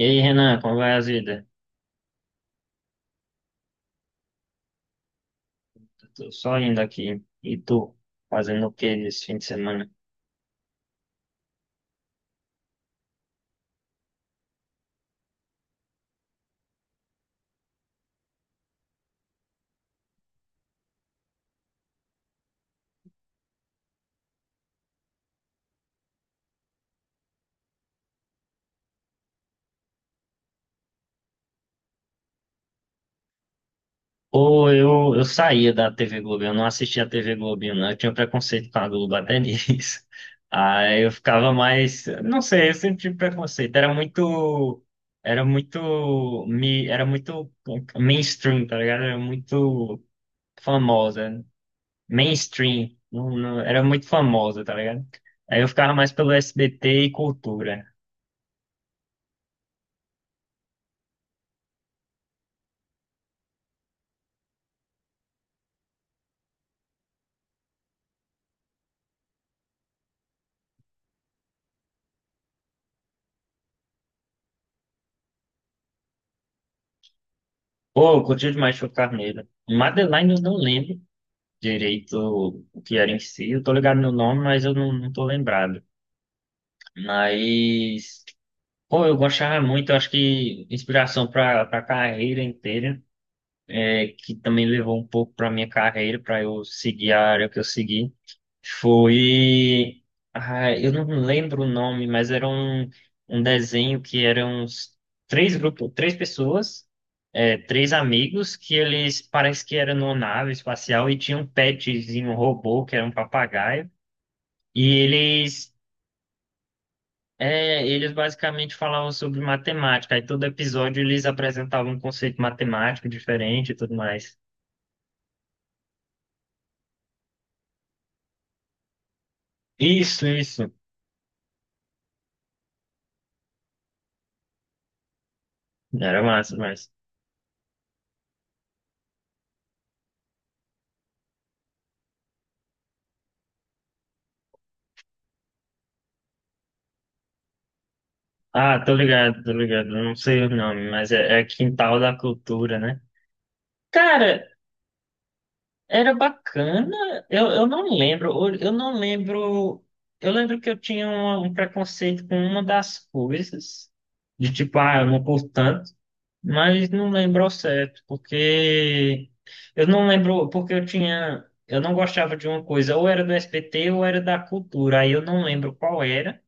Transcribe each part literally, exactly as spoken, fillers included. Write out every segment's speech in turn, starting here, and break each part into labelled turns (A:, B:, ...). A: E aí, Renan, como vai a vida? Tô só indo aqui. E tu, fazendo o que esse fim de semana? Ou eu, eu saía da T V Globo, eu não assistia a T V Globo, não. Eu tinha preconceito com a Globo até nisso. Aí eu ficava mais. Não sei, eu sempre tive preconceito. Era muito. Era muito. me- Era muito mainstream, tá ligado? Era muito famosa. Mainstream. Não, não- era muito famosa, tá ligado? Aí eu ficava mais pelo S B T e cultura. Pô, eu curti demais Show Carneiro. Madeline eu não lembro direito o que era em si. Eu tô ligado no nome, mas eu não, não tô lembrado. Mas, pô, eu gostava muito. Eu acho que inspiração pra, pra carreira inteira, é, que também levou um pouco pra minha carreira, pra eu seguir a área que eu segui. Foi. Ah, eu não lembro o nome, mas era um, um desenho que eram uns três grupos, três pessoas, é, três amigos, que eles parece que eram numa nave espacial e tinha um petzinho, um robô, que era um papagaio. E eles, é, eles basicamente falavam sobre matemática. Aí todo episódio eles apresentavam um conceito matemático diferente e tudo mais. Isso, isso. Era massa, mas. Ah, tô ligado, tô ligado. Eu não sei o nome, mas é, é Quintal da Cultura, né? Cara, era bacana. Eu, eu não lembro. Eu eu não lembro. Eu lembro que eu tinha um, um preconceito com uma das coisas, de tipo, ah, eu não por tanto, mas não lembro ao certo, porque eu não lembro, porque eu tinha. Eu não gostava de uma coisa, ou era do S B T ou era da cultura, aí eu não lembro qual era.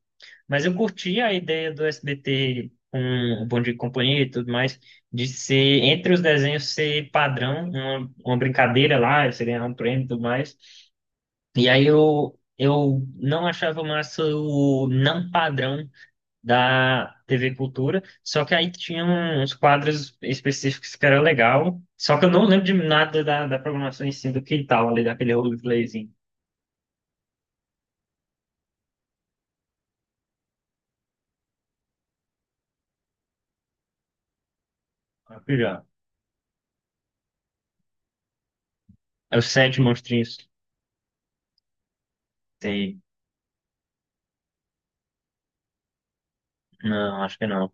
A: Mas eu curti a ideia do S B T com o Bom Dia e Companhia e tudo mais, de ser, entre os desenhos, ser padrão, uma, uma brincadeira lá, você ganhar um prêmio e tudo mais. E aí eu, eu não achava massa o não padrão da T V Cultura, só que aí tinha uns quadros específicos que era legal, só que eu não lembro de nada da, da programação em si, do que tal, ali, daquele roleplayzinho. Já. É os sete monstrinhos. Sei. Não, acho que não.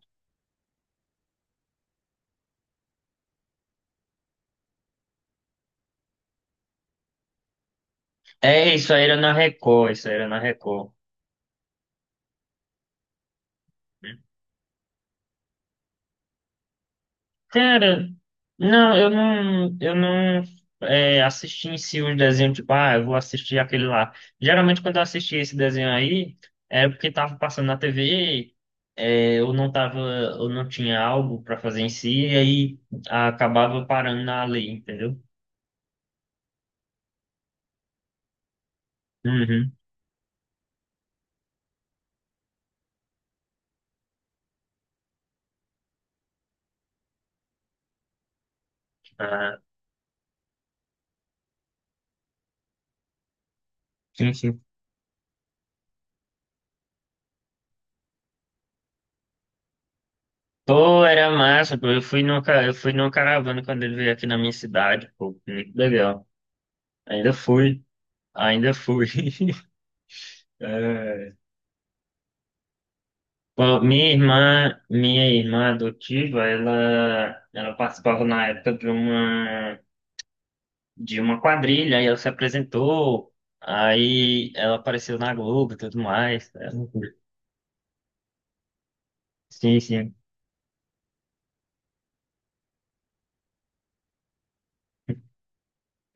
A: É, isso aí era na Record, isso aí era na Record. Cara, não, eu não, eu não é, assisti em si os desenhos, tipo, ah, eu vou assistir aquele lá. Geralmente quando eu assistia esse desenho aí, é porque tava passando na T V, é, eu não tava, eu não tinha algo pra fazer em si, e aí acabava parando na lei, entendeu? Uhum. Ah, sim, sim. Pô, era massa, pô. Eu fui numa, ca- eu fui numa caravana quando ele veio aqui na minha cidade, pô, muito legal. Ainda fui. Ainda fui. É. Bom, minha irmã, minha irmã adotiva, ela, ela participava na época de uma, de uma quadrilha, e ela se apresentou, aí ela apareceu na Globo e tudo mais. É, loucura. Sim, sim.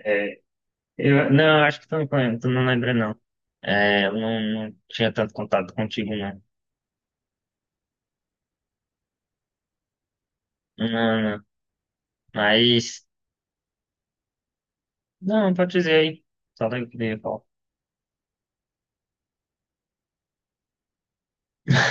A: É, eu, não, acho que tu não, conhe- tu não lembra, não. É, eu não, não tinha tanto contato contigo, não. Não, não. Mas, não, pode dizer aí. Só daí que eu ia falar.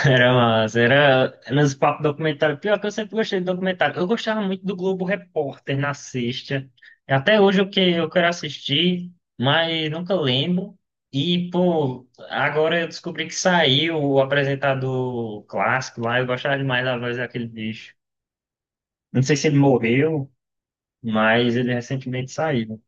A: Era massa, era nos papos documentários. Pior que eu sempre gostei de documentário. Eu gostava muito do Globo Repórter na sexta. Até hoje o que eu quero assistir, mas nunca lembro. E, pô, agora eu descobri que saiu o apresentador clássico lá. Eu gostava demais da voz daquele bicho. Não sei se ele morreu, mas ele recentemente saiu.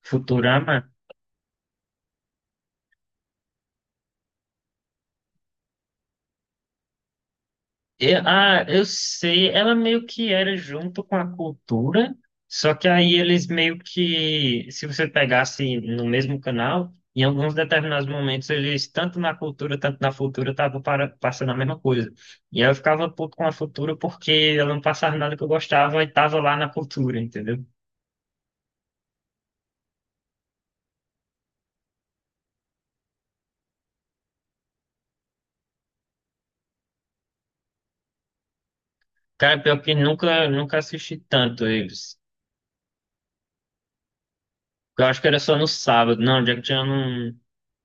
A: Futurama. Eu, ah, eu sei, ela meio que era junto com a cultura, só que aí eles meio que, se você pegasse no mesmo canal, em alguns determinados momentos eles, tanto na cultura, tanto na futura, estavam para- passando a mesma coisa. E aí eu ficava puto com a futura porque ela não passava nada que eu gostava e estava lá na cultura, entendeu? Cara, pior que nunca, nunca assisti tanto eles. Eu acho que era só no sábado. Não, Jack Chan não,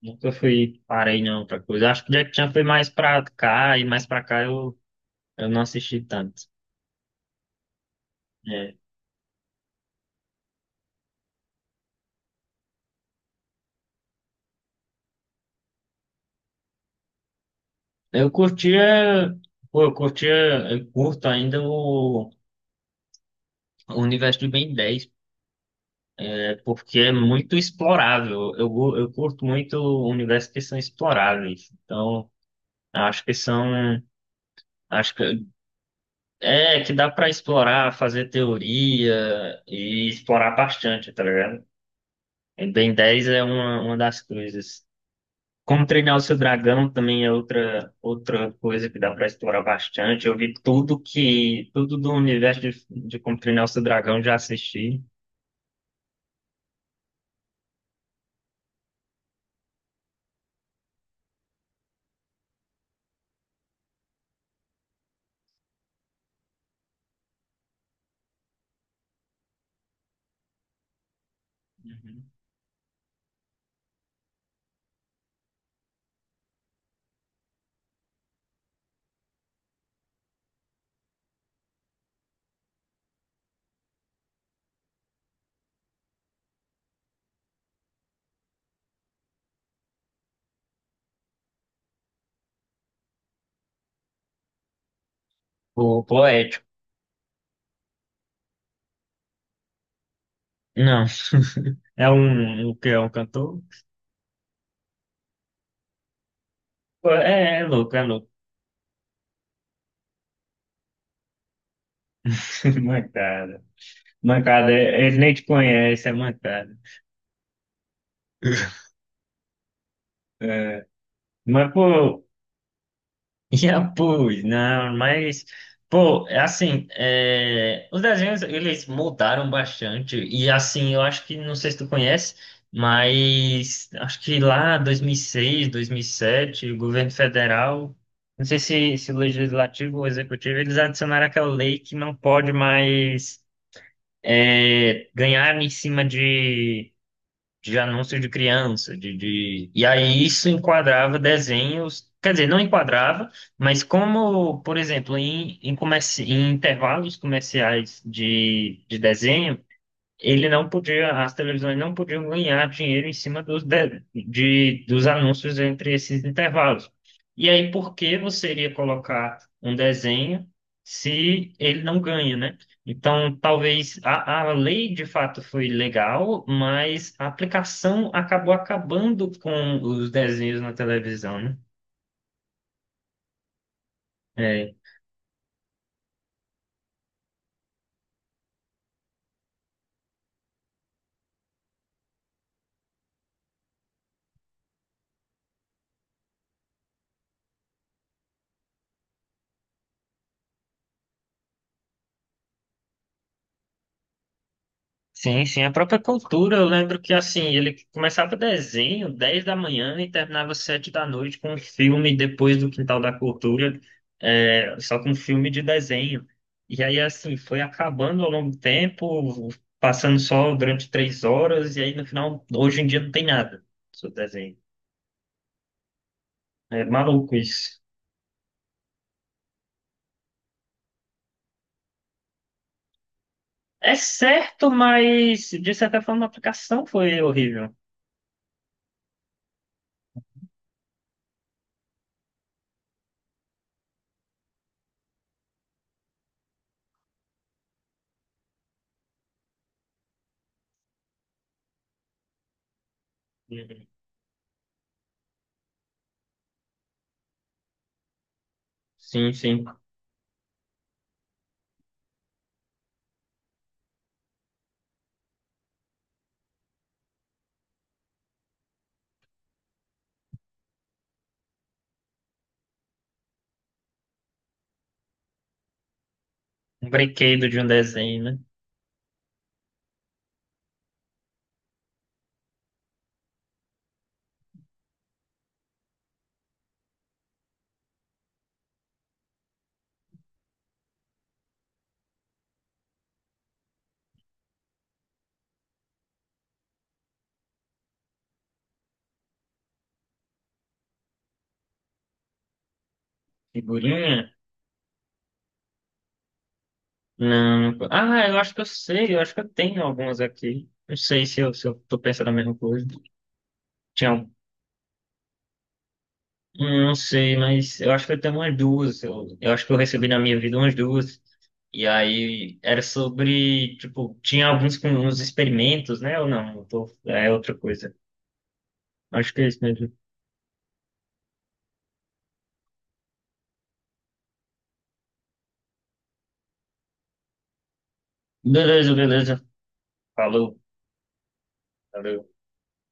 A: nunca fui, parei não pra coisa. Acho que Jack Chan foi mais pra cá e mais pra cá eu, eu não assisti tanto. É. Eu curtia, pô, eu curtia, eu curto ainda o, o universo de Ben dez, né, porque é muito explorável. Eu, go- eu curto muito universos que são exploráveis. Então, acho que são, acho que é que dá pra explorar, fazer teoria e explorar bastante, tá ligado? O Ben dez é uma, uma das coisas. Como treinar o seu dragão também é outra, outra coisa que dá para explorar bastante. Eu vi tudo que, tudo do universo de, de como treinar o seu dragão, já assisti. Uhum. O poético. Não, é um, o que é um cantor? Pô, É, é louco, é louco. Mancada. Mancada, é- ele nem te conhece, é mancada. É, mas, pô, já pus, não, mas, pô, é, assim, é, os desenhos, eles mudaram bastante, e assim, eu acho que, não sei se tu conhece, mas acho que lá dois mil e seis, sete, o governo federal, não sei se, se o legislativo ou o executivo, eles adicionaram aquela lei que não pode mais é, ganhar em cima de de anúncios de criança, de, de... E aí isso enquadrava desenhos, quer dizer, não enquadrava, mas como, por exemplo, em, em, comerci... em intervalos comerciais de, de desenho, ele não podia, as televisões não podiam ganhar dinheiro em cima dos, de, de- dos anúncios entre esses intervalos. E aí, por que você iria colocar um desenho se ele não ganha, né? Então, talvez a, a lei de fato foi legal, mas a aplicação acabou acabando com os desenhos na televisão, né? É, sim, sim, a própria cultura, eu lembro que assim, ele começava desenho dez da manhã e terminava sete da noite com um filme depois do Quintal da Cultura, é, só com filme de desenho. E aí assim, foi acabando ao longo do tempo, passando só durante três horas, e aí no final, hoje em dia não tem nada sobre desenho. É maluco isso. É certo, mas de certa forma a aplicação foi horrível. Uhum. Sim, sim. Um brinquedo de um desenho, né? Figurinha. Não. Ah, eu acho que eu sei, eu acho que eu tenho algumas aqui. Não sei se eu, se eu tô pensando a mesma coisa. Tinha, um- hum, não sei, mas eu acho que eu tenho umas duas. Eu, eu acho que eu recebi na minha vida umas duas. E aí era sobre, tipo, tinha alguns com uns experimentos, né? Ou não? Eu tô- é outra coisa. Acho que é isso mesmo. Beleza, beleza. Falou. Valeu.